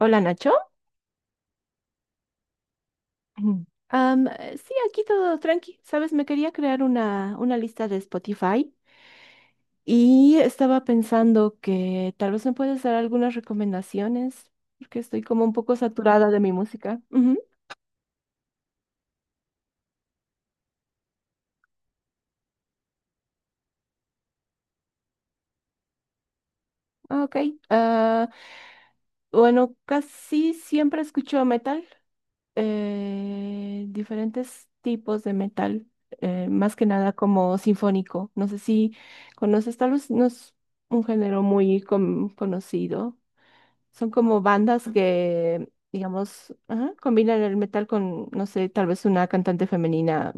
Hola Nacho. Mm. Sí, aquí todo tranqui. Sabes, me quería crear una lista de Spotify y estaba pensando que tal vez me puedes dar algunas recomendaciones porque estoy como un poco saturada de mi música. Ujú. Ah, ok. Ah, bueno, casi siempre escucho metal, diferentes tipos de metal, más que nada como sinfónico. No sé si conoces, tal vez no es un género muy conocido. Son como bandas que, digamos, ajá, combinan el metal con, no sé, tal vez una cantante femenina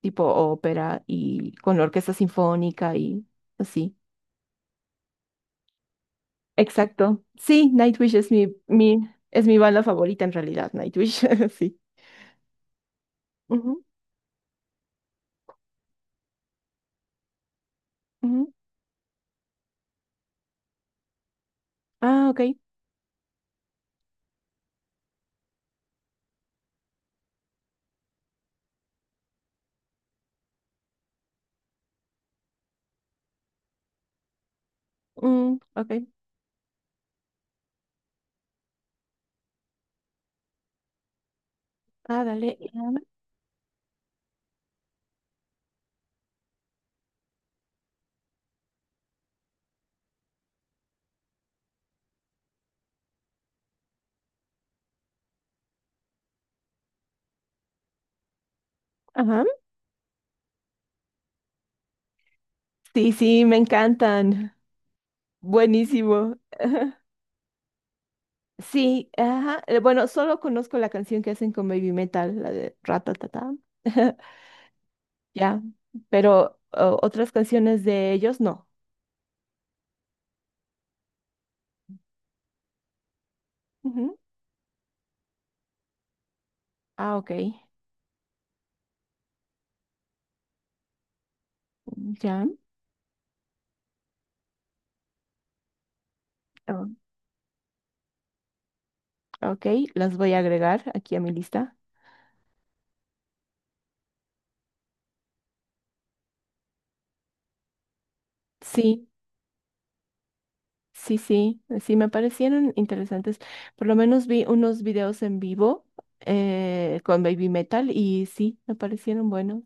tipo ópera y con la orquesta sinfónica y así. Exacto. Sí, Nightwish es es mi banda favorita en realidad, Nightwish, sí. Ujú, ujú. Ah, ok. Mm, ok. Ah, dale. Ajá. Sí, sí, me encantan. Buenísimo. Sí, ajá. Bueno, solo conozco la canción que hacen con Baby Metal, la de Ratatata. Ya, pero otras canciones de ellos no. Ujú. Ah, ok. Ya. Ah, ok, las voy a agregar aquí a mi lista. Sí, sí, sí, sí, me parecieron interesantes. Por lo menos vi unos videos en vivo, con Baby Metal y sí, me parecieron buenos.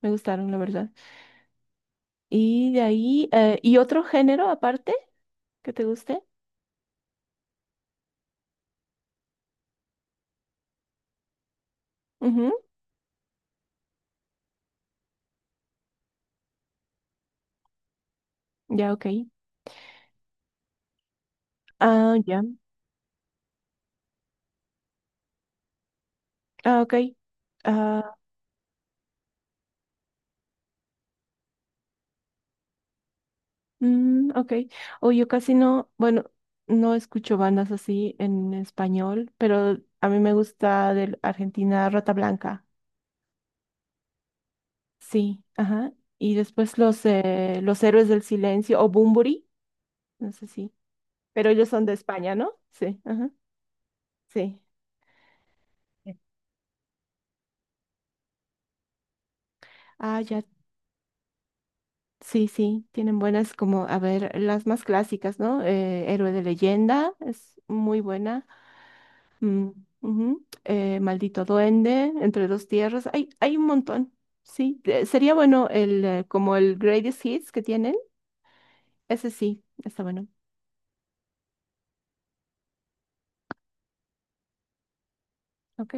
Me gustaron, la verdad. Y de ahí, ¿y otro género aparte que te guste? Ujú. Ya, ok. Ah, ya. Ah, ok. Ah, mm, ok. O yo casi no, bueno, no escucho bandas así en español, pero a mí me gusta de Argentina Rata Blanca. Sí, ajá. Y después los Héroes del Silencio o Bunbury, no sé si. Pero ellos son de España, ¿no? Sí, ajá. Sí. Ah, ya. Sí, sí. Tienen buenas como, a ver, las más clásicas, ¿no? Héroe de Leyenda es muy buena. Mm, ujú. Maldito Duende, Entre Dos Tierras. Hay un montón. Sí, sería bueno el, como el Greatest Hits que tienen. Ese sí, está bueno. Ok.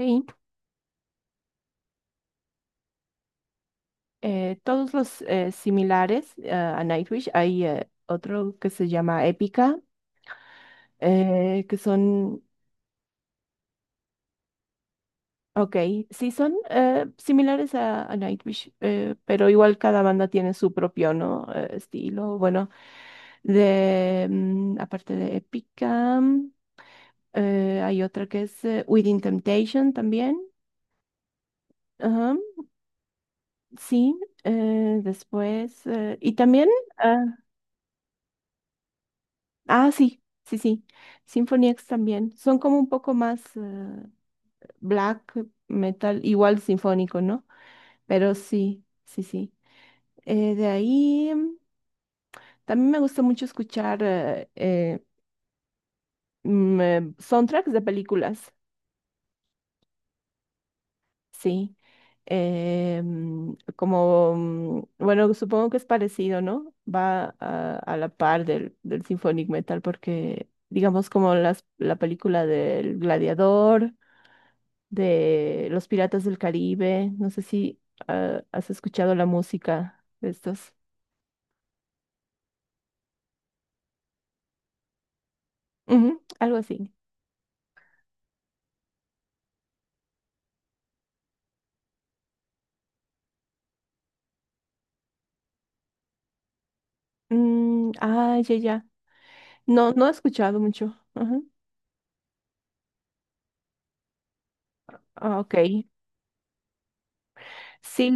Todos los similares a Nightwish. Hay otro que se llama Épica, que son. Ok, sí, son similares a Nightwish, pero igual cada banda tiene su propio, ¿no? Estilo. Bueno, de, aparte de Épica. Hay otra que es Within Temptation también. Ajá, sí. Después. Y también. ah, ah, sí, sí, sí. Symphony X también. Son como un poco más black metal, igual sinfónico, ¿no? Pero sí, sí, sí. De ahí. También me gusta mucho escuchar soundtracks de películas. Sí, como, bueno, supongo que es parecido, ¿no? Va a la par del, del symphonic metal porque, digamos, como las, la película del Gladiador, de Los Piratas del Caribe, no sé si has escuchado la música de estos. Ujú, algo así. Mm, ah, ya, ya. No, no he escuchado mucho. Ajá. Ah, ok. Sí,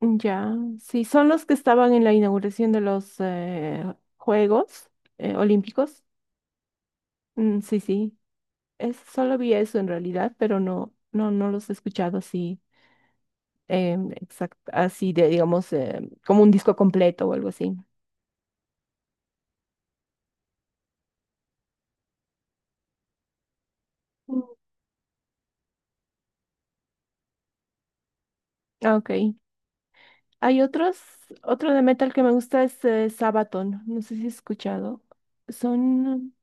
ya, sí, son los que estaban en la inauguración de los Juegos Olímpicos. Mm, sí, sí, es, solo vi eso en realidad, pero no, no, no los he escuchado así, así de, digamos, como un disco completo o algo así. Mm. Ah, ok, hay otros, otro de metal que me gusta es Sabaton, no sé si has escuchado. Son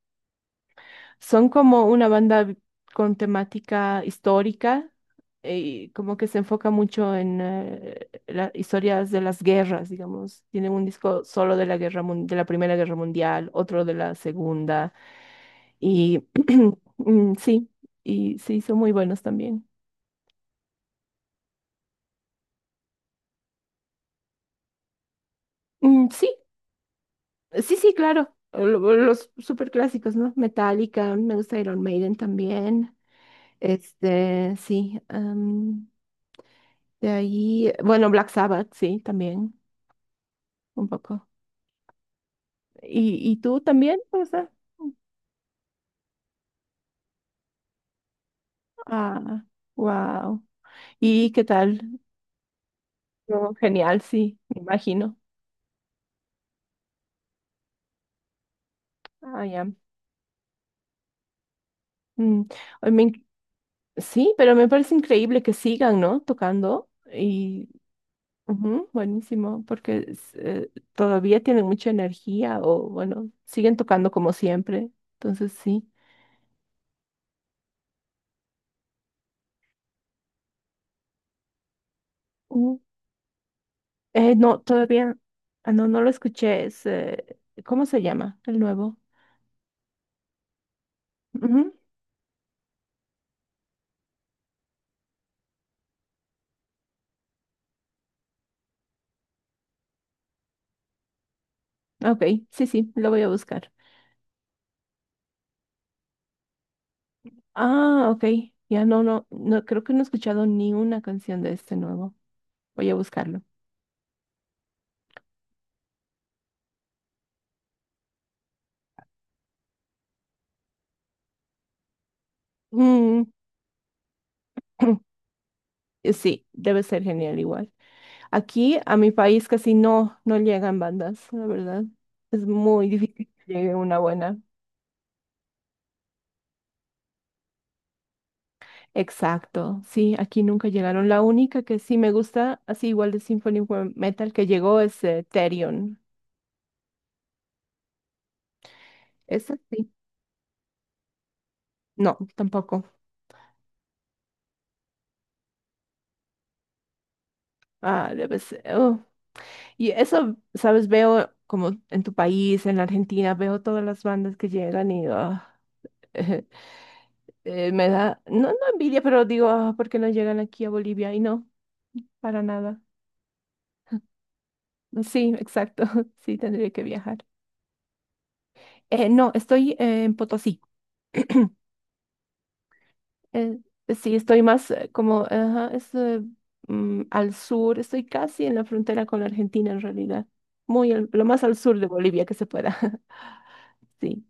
Son como una banda con temática histórica y como que se enfoca mucho en las historias de las guerras, digamos. Tienen un disco solo de la guerra de la Primera Guerra Mundial, otro de la Segunda y mm, sí, y sí, son muy buenos también. Mm, sí, sí, sí, claro. Los super clásicos, ¿no? Metallica, me gusta Iron Maiden también. Este, sí. De ahí, bueno, Black Sabbath, sí, también, un poco. Y tú también? O sea, ah, wow. ¿Y qué tal? No, genial, sí, me imagino. Ah, ya. Mm, ay, me inc- sí, pero me parece increíble que sigan, ¿no? Tocando. Y ujú, buenísimo, porque es, todavía tienen mucha energía o, bueno, siguen tocando como siempre. Entonces, sí. Eh, no, todavía, no, no lo escuché. Es, ¿cómo se llama? El nuevo. Ujú. Ok, sí, sí, lo voy a buscar. Ah, ok. Ya no, no, no, creo que no he escuchado ni una canción de este nuevo. Voy a buscarlo. Mm, sí, debe ser genial igual. Aquí a mi país casi no, no llegan bandas, la verdad. Es muy difícil que llegue una buena. Exacto, sí, aquí nunca llegaron. La única que sí me gusta, así igual de Metal que llegó es Therion. Esa sí. No, tampoco. Ah, debe ser. Oh. Y eso, sabes, veo como en tu país, en la Argentina, veo todas las bandas que llegan y ah, me da, no, no envidia, pero digo, ah, ¿por qué no llegan aquí a Bolivia? Y no, para nada. Sí, exacto, sí, tendría que viajar. No, estoy en Potosí. Eh, sí, estoy más como ajá, es, al sur, estoy casi en la frontera con la Argentina en realidad, muy lo más al sur de Bolivia que se pueda. Sí.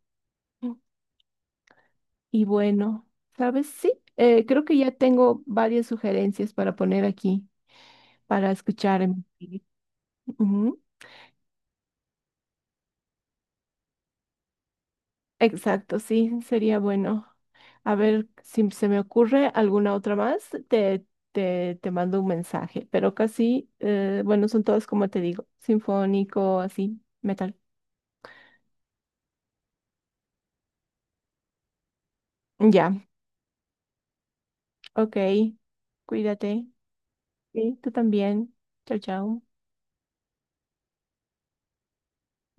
Y bueno, ¿sabes? Sí, creo que ya tengo varias sugerencias para poner aquí, para escuchar en mi feed. Ujú. Exacto, sí, sería bueno. A ver si se me ocurre alguna otra más, te mando un mensaje, pero casi, bueno, son todas como te digo, sinfónico, así, metal. Ya, ok, cuídate. Sí, tú también. Chao, chao.